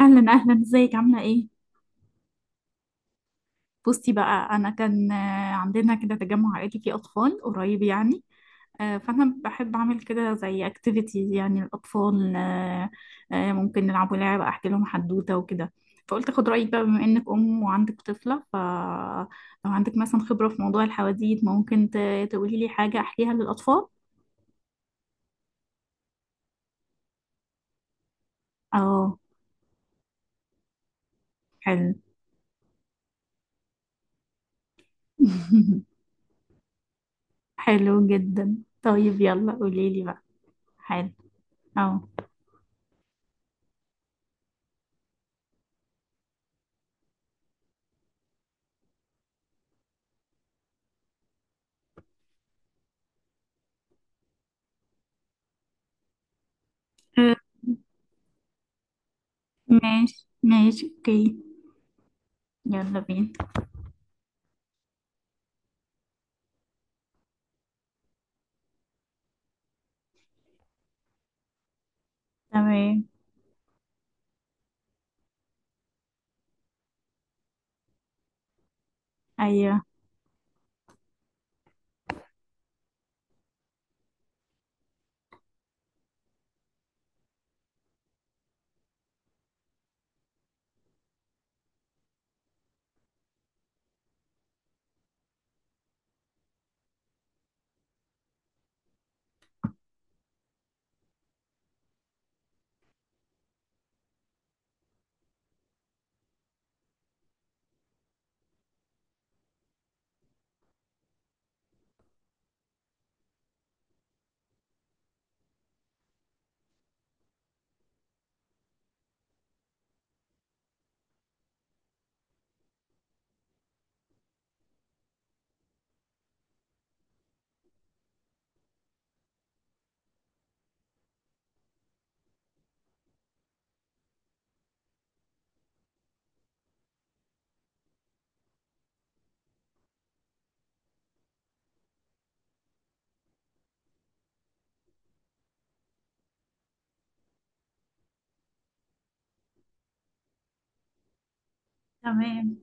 اهلا اهلا، ازيك، عامله ايه؟ بصي بقى، انا كان عندنا كده تجمع عائلي فيه اطفال قريب يعني. فانا بحب اعمل كده زي اكتيفيتيز يعني الاطفال. ممكن نلعبوا لعبه، احكي لهم حدوته وكده. فقلت اخد رايك بقى بما انك ام وعندك طفله، فلو عندك مثلا خبره في موضوع الحواديت ممكن تقولي لي حاجه احكيها للاطفال. اه، حلو. حلو جدا، طيب يلا قولي لي بقى. حلو. اه. ماشي ماشي، اوكي. يلا بينا. تمام. ايوه. تمام.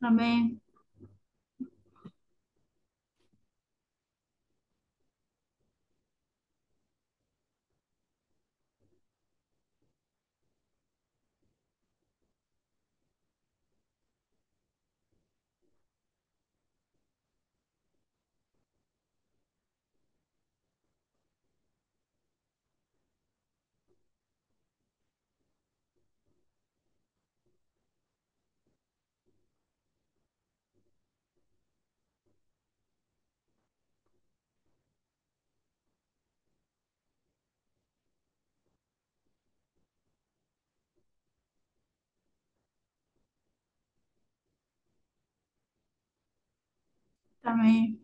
تمام. تمام.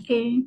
اوكي.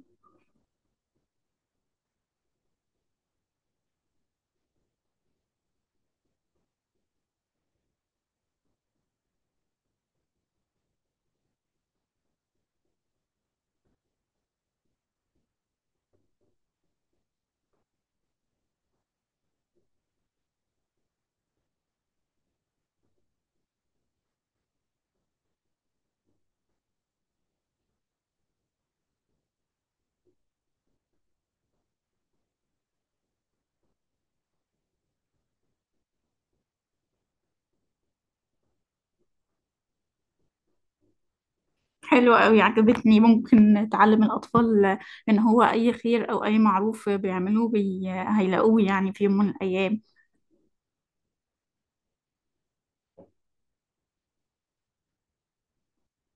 حلوة قوي، عجبتني. ممكن تعلم الأطفال إن هو أي خير أو أي معروف بيعملوه بي... هيلاقوه يعني في يوم من الأيام.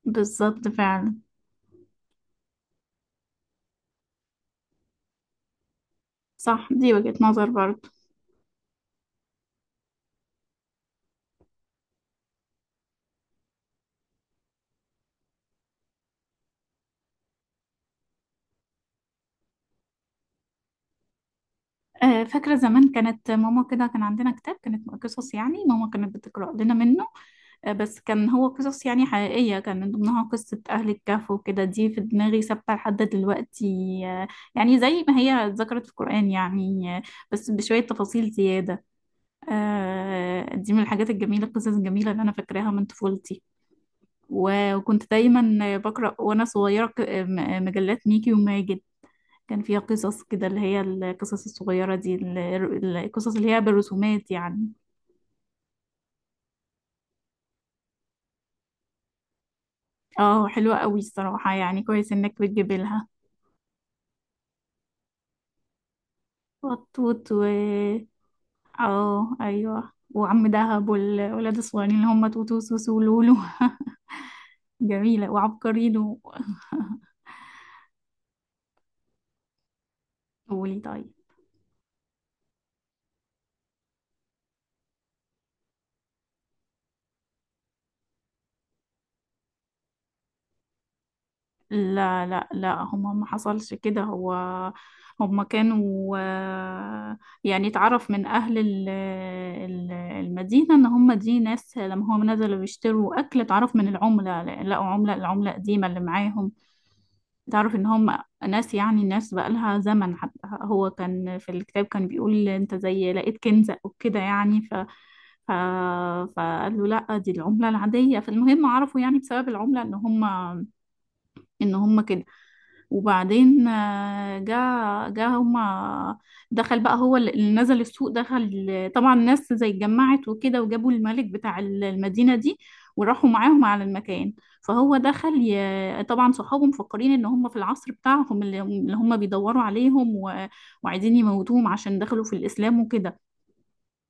بالظبط فعلا. صح، دي وجهة نظر برضه. فاكرة زمان كانت ماما كده، كان عندنا كتاب كانت قصص يعني ماما كانت بتقرأ لنا منه. بس كان هو قصص يعني حقيقية، كان من ضمنها قصة أهل الكهف وكده، دي في دماغي ثابتة لحد دلوقتي. آه، يعني زي ما هي ذكرت في القرآن يعني. بس بشوية تفاصيل زيادة. دي من الحاجات الجميلة، القصص الجميلة اللي أنا فاكراها من طفولتي. وكنت دايما بقرأ وأنا صغيرة مجلات ميكي وماجد. كان فيها قصص كده، اللي هي القصص الصغيرة دي القصص اللي هي بالرسومات يعني. اه، حلوة قوي الصراحة يعني، كويس انك بتجيب لها. وطوط و... اه ايوه، وعم دهب والولاد الصغيرين اللي هم توتو وسوسو ولولو. جميلة، وعبقرينو. قولي طيب. لا لا لا، هما ما حصلش كده. هو هما كانوا يعني اتعرف من أهل المدينة، إن هما دي ناس لما هم نزلوا بيشتروا أكل اتعرف من العملة، لقوا عملة، العملة قديمة اللي معاهم. تعرف ان هم ناس يعني الناس بقالها زمن. حتى هو كان في الكتاب كان بيقول انت زي لقيت كنزة وكده يعني. ف... فقال له لا، دي العملة العادية. فالمهم عرفوا يعني بسبب العملة ان هم كده. وبعدين جا، هما دخل بقى، هو اللي نزل السوق دخل، طبعا الناس زي اتجمعت وكده، وجابوا الملك بتاع المدينة دي وراحوا معاهم على المكان. فهو دخل طبعا صحابه مفكرين ان هم في العصر بتاعهم، اللي هم بيدوروا عليهم وعايزين يموتوهم عشان دخلوا في الإسلام وكده.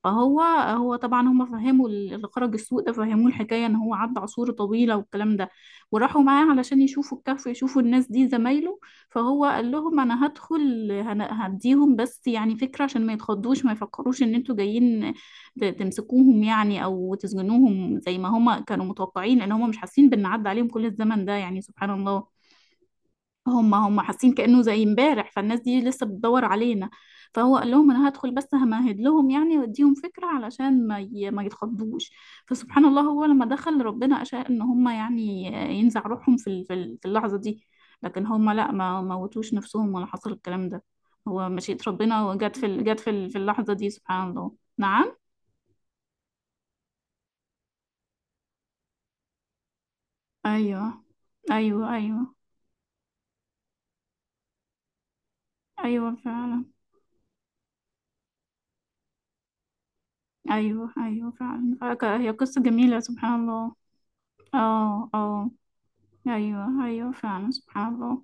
فهو طبعا هم فهموا اللي خرج السوق ده فهموه الحكايه، ان هو عدى عصور طويله والكلام ده. وراحوا معاه علشان يشوفوا الكهف، يشوفوا الناس دي زمايله. فهو قال لهم انا هدخل هديهم بس يعني فكره، عشان ما يتخضوش، ما يفكروش ان انتوا جايين تمسكوهم يعني او تسجنوهم، زي ما هم كانوا متوقعين، لان هم مش حاسين بان عدى عليهم كل الزمن ده يعني سبحان الله. هم حاسين كأنه زي امبارح، فالناس دي لسه بتدور علينا. فهو قال لهم انا هدخل بس همهد لهم يعني واديهم فكرة، علشان ما يتخضوش. فسبحان الله هو لما دخل ربنا أشاء ان هم يعني ينزع روحهم في اللحظة دي. لكن هم لا، ما موتوش نفسهم ولا حصل الكلام ده. هو مشيئة ربنا، وجت في جت في اللحظة دي سبحان الله، نعم. ايوه ايوه. ايوه. ايوه فعلا. ايوه ايوه فعلا، هي قصة جميلة سبحان الله. اه اه، ايوه ايوه فعلا سبحان الله.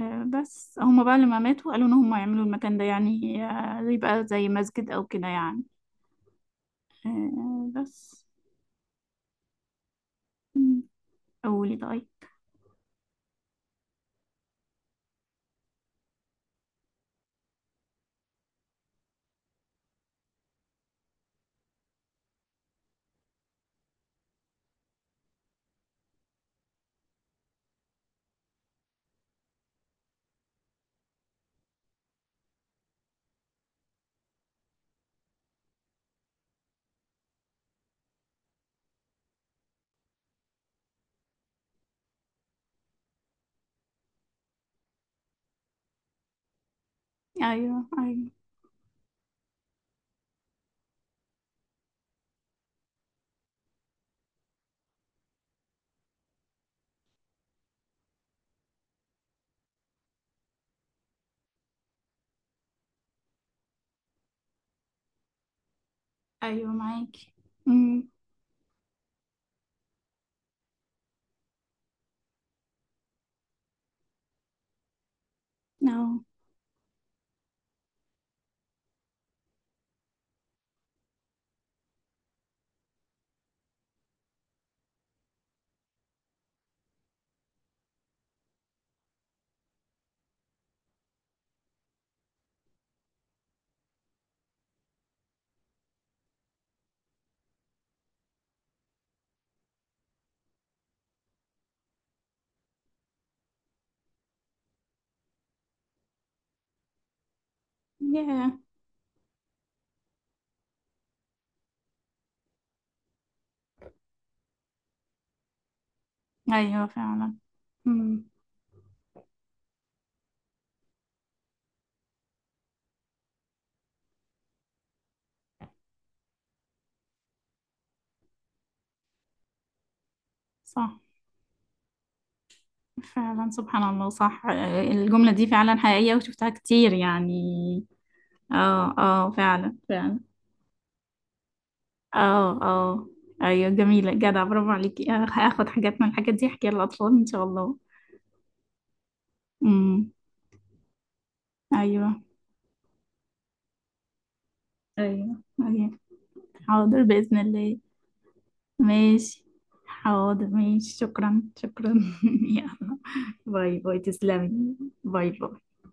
بس هما بقى لما ماتوا قالوا ان هما يعملوا المكان ده يعني يبقى زي مسجد او كده يعني. بس. مم. قولي طيب. ايوه. ايوه. ايوه معاكي. امم. اهو. ياه. ايوه فعلا. امم. صح. فعلا سبحان الله، صح. الجملة دي فعلا حقيقية وشفتها كتير يعني. اه اه فعلا فعلا. اه اه ايوه، جميلة جدع، برافو عليكي. هاخد حاجات من الحاجات دي احكيها للاطفال ان شاء الله. امم. ايوه ايوه ايوه. حاضر باذن الله. ماشي. حاضر، ماشي، شكرا شكرا. يلا، باي باي، تسلمي. باي باي.